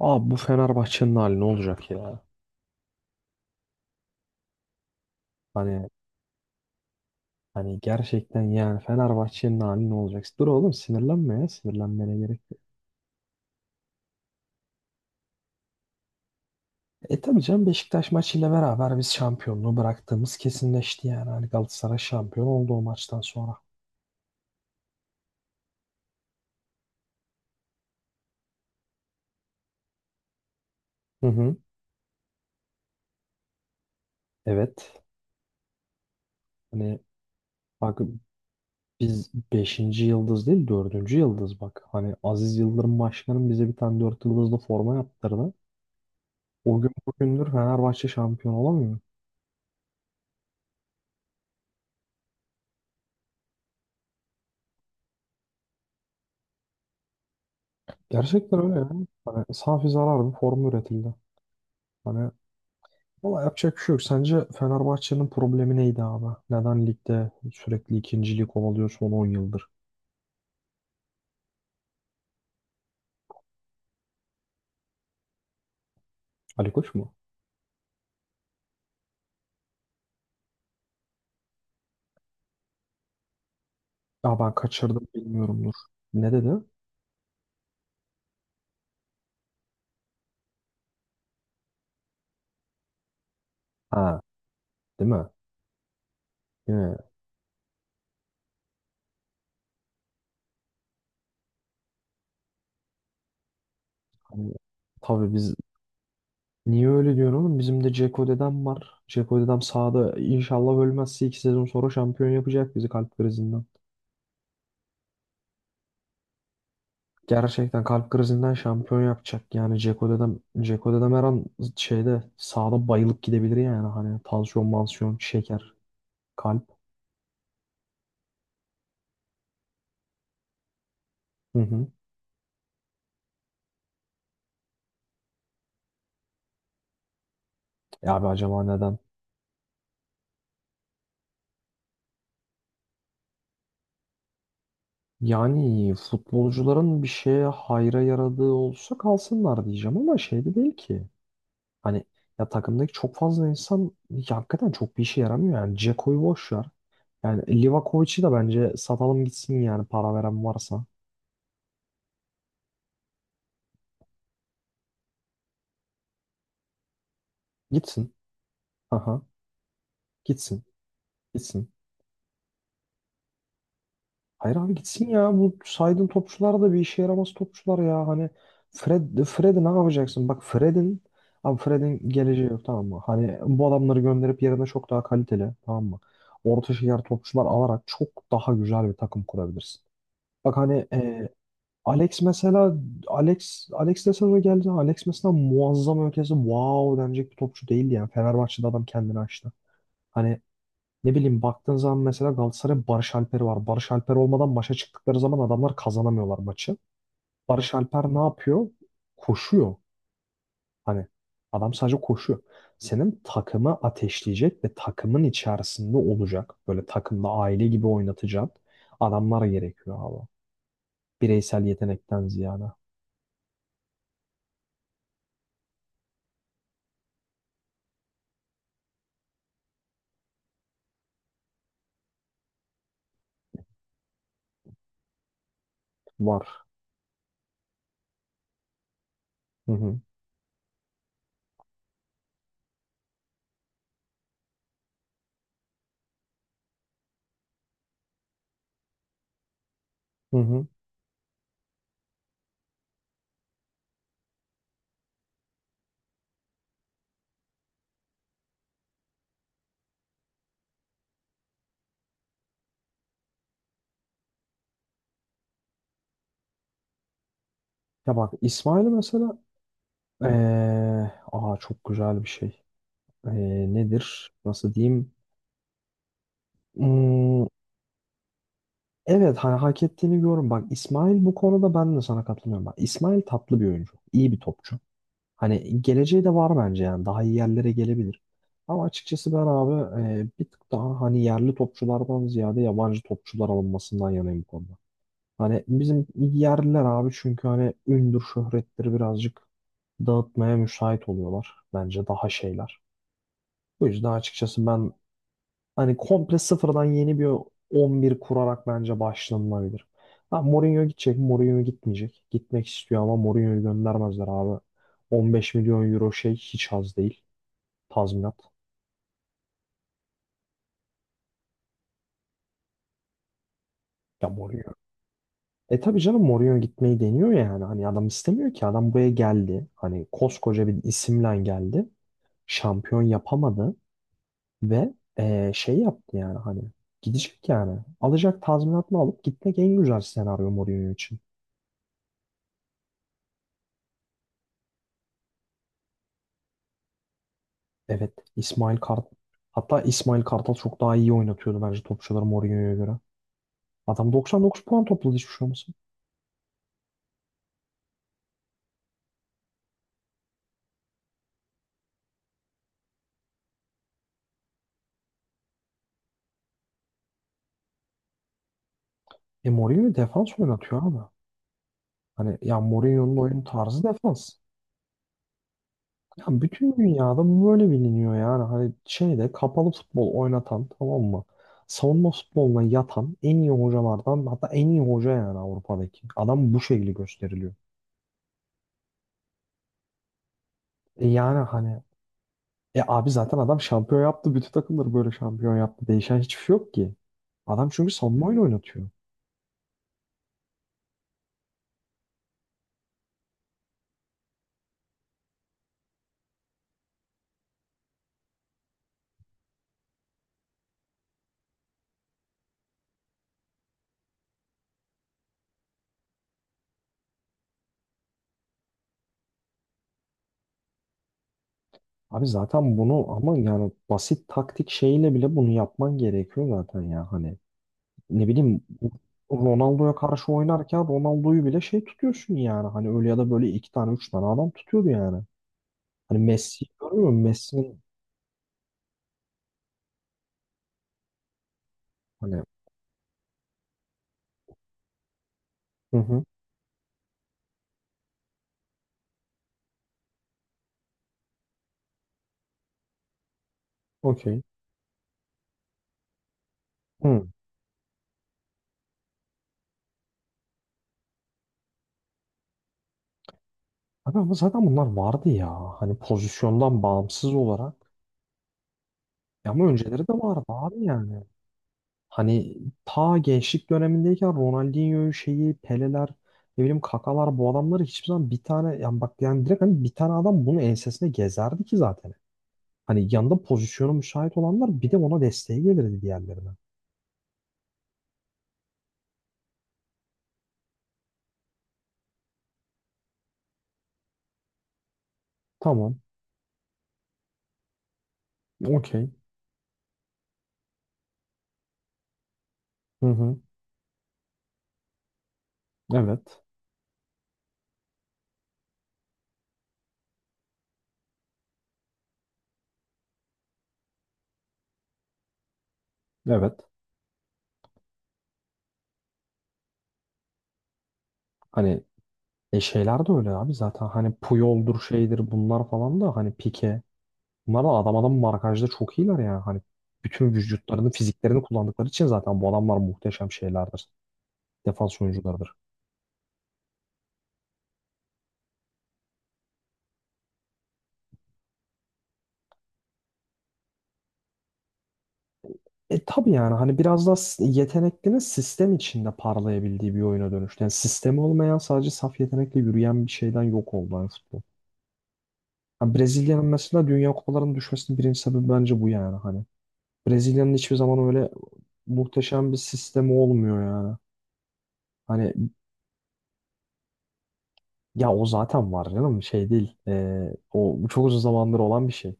Abi bu Fenerbahçe'nin hali ne olacak ya? Hani hani gerçekten yani Fenerbahçe'nin hali ne olacak? Dur oğlum sinirlenme ya. Sinirlenmene gerek yok. E tabii canım Beşiktaş maçıyla beraber biz şampiyonluğu bıraktığımız kesinleşti yani. Hani Galatasaray şampiyon oldu o maçtan sonra. Hı hı. Evet. Hani bak biz beşinci yıldız değil dördüncü yıldız bak. Hani Aziz Yıldırım Başkanım bize bir tane 4 yıldızlı forma yaptırdı. O gün bugündür Fenerbahçe şampiyon olamıyor. Gerçekten öyle yani. Hani safi zarar bir form üretildi. Hani valla yapacak bir şey yok. Sence Fenerbahçe'nin problemi neydi abi? Neden ligde sürekli ikinciliği kovalıyor son 10 yıldır? Ali Koç mu? Ya ben kaçırdım bilmiyorumdur. Ne dedi? Ha, değil mi? Yine hani tabii biz niye öyle diyorum oğlum? Bizim de Ceko dedem var. Ceko dedem sahada inşallah ölmezse 2 sezon sonra şampiyon yapacak bizi kalp krizinden. Gerçekten kalp krizinden şampiyon yapacak. Yani Ceko'da da, Dzeko'da da her an şeyde sağda bayılıp gidebilir yani. Hani tansiyon, mansiyon, şeker, kalp. Hı hı. E abi acaba neden? Yani futbolcuların bir şeye hayra yaradığı olsa kalsınlar diyeceğim ama şey de değil ki. Hani ya takımdaki çok fazla insan ya hakikaten çok bir işe yaramıyor yani. Ceko'yu boş ver. Yani Livakovic'i de bence satalım gitsin yani para veren varsa. Gitsin. Aha. Gitsin. Gitsin. Hayır abi gitsin ya. Bu saydığın topçular da bir işe yaramaz topçular ya. Hani Fred, Fred'i ne yapacaksın? Bak Fred'in abi Fred'in geleceği yok, tamam mı? Hani bu adamları gönderip yerine çok daha kaliteli, tamam mı? Orta şeker topçular alarak çok daha güzel bir takım kurabilirsin. Bak hani Alex mesela Alex de sezona geldi. Alex mesela muazzam ötesi wow denecek bir topçu değildi yani. Fenerbahçe'de adam kendini açtı. Hani ne bileyim, baktığın zaman mesela Galatasaray'ın Barış Alper'i var. Barış Alper olmadan maça çıktıkları zaman adamlar kazanamıyorlar maçı. Barış Alper ne yapıyor? Koşuyor. Hani adam sadece koşuyor. Senin takımı ateşleyecek ve takımın içerisinde olacak. Böyle takımda aile gibi oynatacak adamlar gerekiyor abi. Bireysel yetenekten ziyade. Var. Hı hı. Hı hı. Ya bak İsmail mesela ee, aa çok güzel bir şey. Ee, nedir? Nasıl diyeyim? Hmm. Evet, hani hak ettiğini görüyorum. Bak İsmail bu konuda ben de sana katılmıyorum. Bak İsmail tatlı bir oyuncu. İyi bir topçu. Hani geleceği de var bence yani. Daha iyi yerlere gelebilir. Ama açıkçası ben abi bir tık daha hani yerli topçulardan ziyade yabancı topçular alınmasından yanayım bu konuda. Hani bizim yerliler abi çünkü hani ündür şöhretleri birazcık dağıtmaya müsait oluyorlar. Bence daha şeyler. Bu yüzden açıkçası ben hani komple sıfırdan yeni bir 11 kurarak bence başlanılabilir. Ha, Mourinho gidecek, Mourinho gitmeyecek. Gitmek istiyor ama Mourinho'yu göndermezler abi. 15 milyon euro şey hiç az değil. Tazminat. Ya Mourinho. E tabii canım Mourinho gitmeyi deniyor ya yani. Hani adam istemiyor ki. Adam buraya geldi. Hani koskoca bir isimle geldi. Şampiyon yapamadı. Ve şey yaptı yani hani. Gidecek yani. Alacak tazminatını alıp gitmek en güzel senaryo Mourinho için. Evet. İsmail Kart. Hatta İsmail Kartal çok daha iyi oynatıyordu bence topçuları Mourinho'ya göre. Adam 99 puan topladı, hiçbir şey olmasın. E Mourinho defans oynatıyor abi. Hani ya Mourinho'nun oyun tarzı defans. Ya bütün dünyada bu böyle biliniyor yani. Hani şeyde kapalı futbol oynatan, tamam mı? Savunma futboluna yatan en iyi hocalardan, hatta en iyi hoca yani Avrupa'daki. Adam bu şekilde gösteriliyor. E yani hani. E abi zaten adam şampiyon yaptı. Bütün takımları böyle şampiyon yaptı. Değişen hiçbir şey yok ki. Adam çünkü savunmayla oynatıyor. Abi zaten bunu ama yani basit taktik şeyiyle bile bunu yapman gerekiyor zaten ya. Hani ne bileyim, Ronaldo'ya karşı oynarken Ronaldo'yu bile şey tutuyorsun yani. Hani öyle ya da böyle iki tane üç tane adam tutuyordu yani. Hani Messi görüyor musun? Messi'nin hani. Hı hı. Okey. Hı. Abi ama zaten bunlar vardı ya. Hani pozisyondan bağımsız olarak. Ya ama önceleri de vardı abi yani. Hani ta gençlik dönemindeyken Ronaldinho şeyi, Peleler, ne bileyim Kakalar, bu adamları hiçbir zaman bir tane yani bak yani direkt hani bir tane adam bunu ensesine gezerdi ki zaten. Hani yanında pozisyonu müsait olanlar bir de ona desteğe gelirdi diğerlerine. Tamam. Okey. Hı hı. Evet. Evet. Hani şeyler de öyle abi, zaten hani Puyol'dur şeydir bunlar falan da hani Pique. Bunlar da adam adam markajda çok iyiler yani. Hani bütün vücutlarını, fiziklerini kullandıkları için zaten bu adamlar muhteşem şeylerdir. Defans oyuncularıdır. E tabii yani hani biraz da yeteneklinin sistem içinde parlayabildiği bir oyuna dönüştü. Yani sistemi olmayan sadece saf yetenekle yürüyen bir şeyden yok oldu, hani futbol. Yani Brezilya'nın mesela Dünya Kupalarının düşmesinin birinci sebebi bence bu yani hani. Brezilya'nın hiçbir zaman öyle muhteşem bir sistemi olmuyor yani. Hani ya o zaten var canım, şey değil. E, o çok uzun zamandır olan bir şey.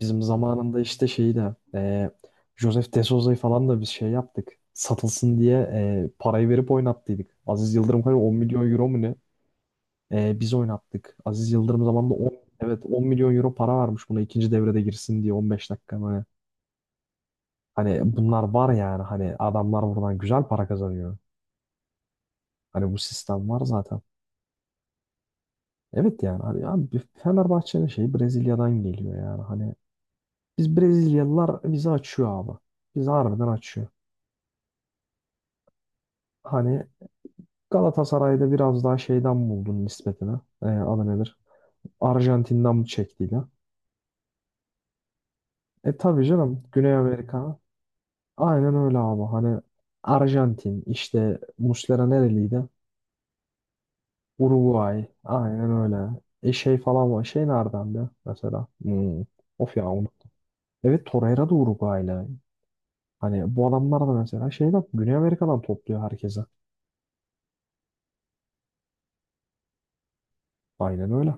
Bizim zamanında işte şeyi de Joseph De Souza'yı falan da biz şey yaptık. Satılsın diye parayı verip oynattıydık. Aziz Yıldırım kadar 10 milyon euro mu ne? E, biz oynattık. Aziz Yıldırım zamanında 10, evet 10 milyon euro para vermiş buna ikinci devrede girsin diye 15 dakika böyle. Hani bunlar var yani hani adamlar buradan güzel para kazanıyor. Hani bu sistem var zaten. Evet yani hani abi Fenerbahçe'nin şeyi Brezilya'dan geliyor yani hani biz Brezilyalılar bizi açıyor abi. Bizi harbiden açıyor. Hani Galatasaray'da biraz daha şeyden buldun nispetine. E, adı nedir? Arjantin'den bu çektiğiyle. E tabii canım Güney Amerika. Aynen öyle abi. Hani Arjantin işte Muslera nereliydi? Uruguay. Aynen öyle. E şey falan var. Şey nereden de mesela? Hmm. Of ya onu. Evet Torreira da Uruguaylı. Hani bu adamlar da mesela şeyden Güney Amerika'dan topluyor herkese. Aynen öyle.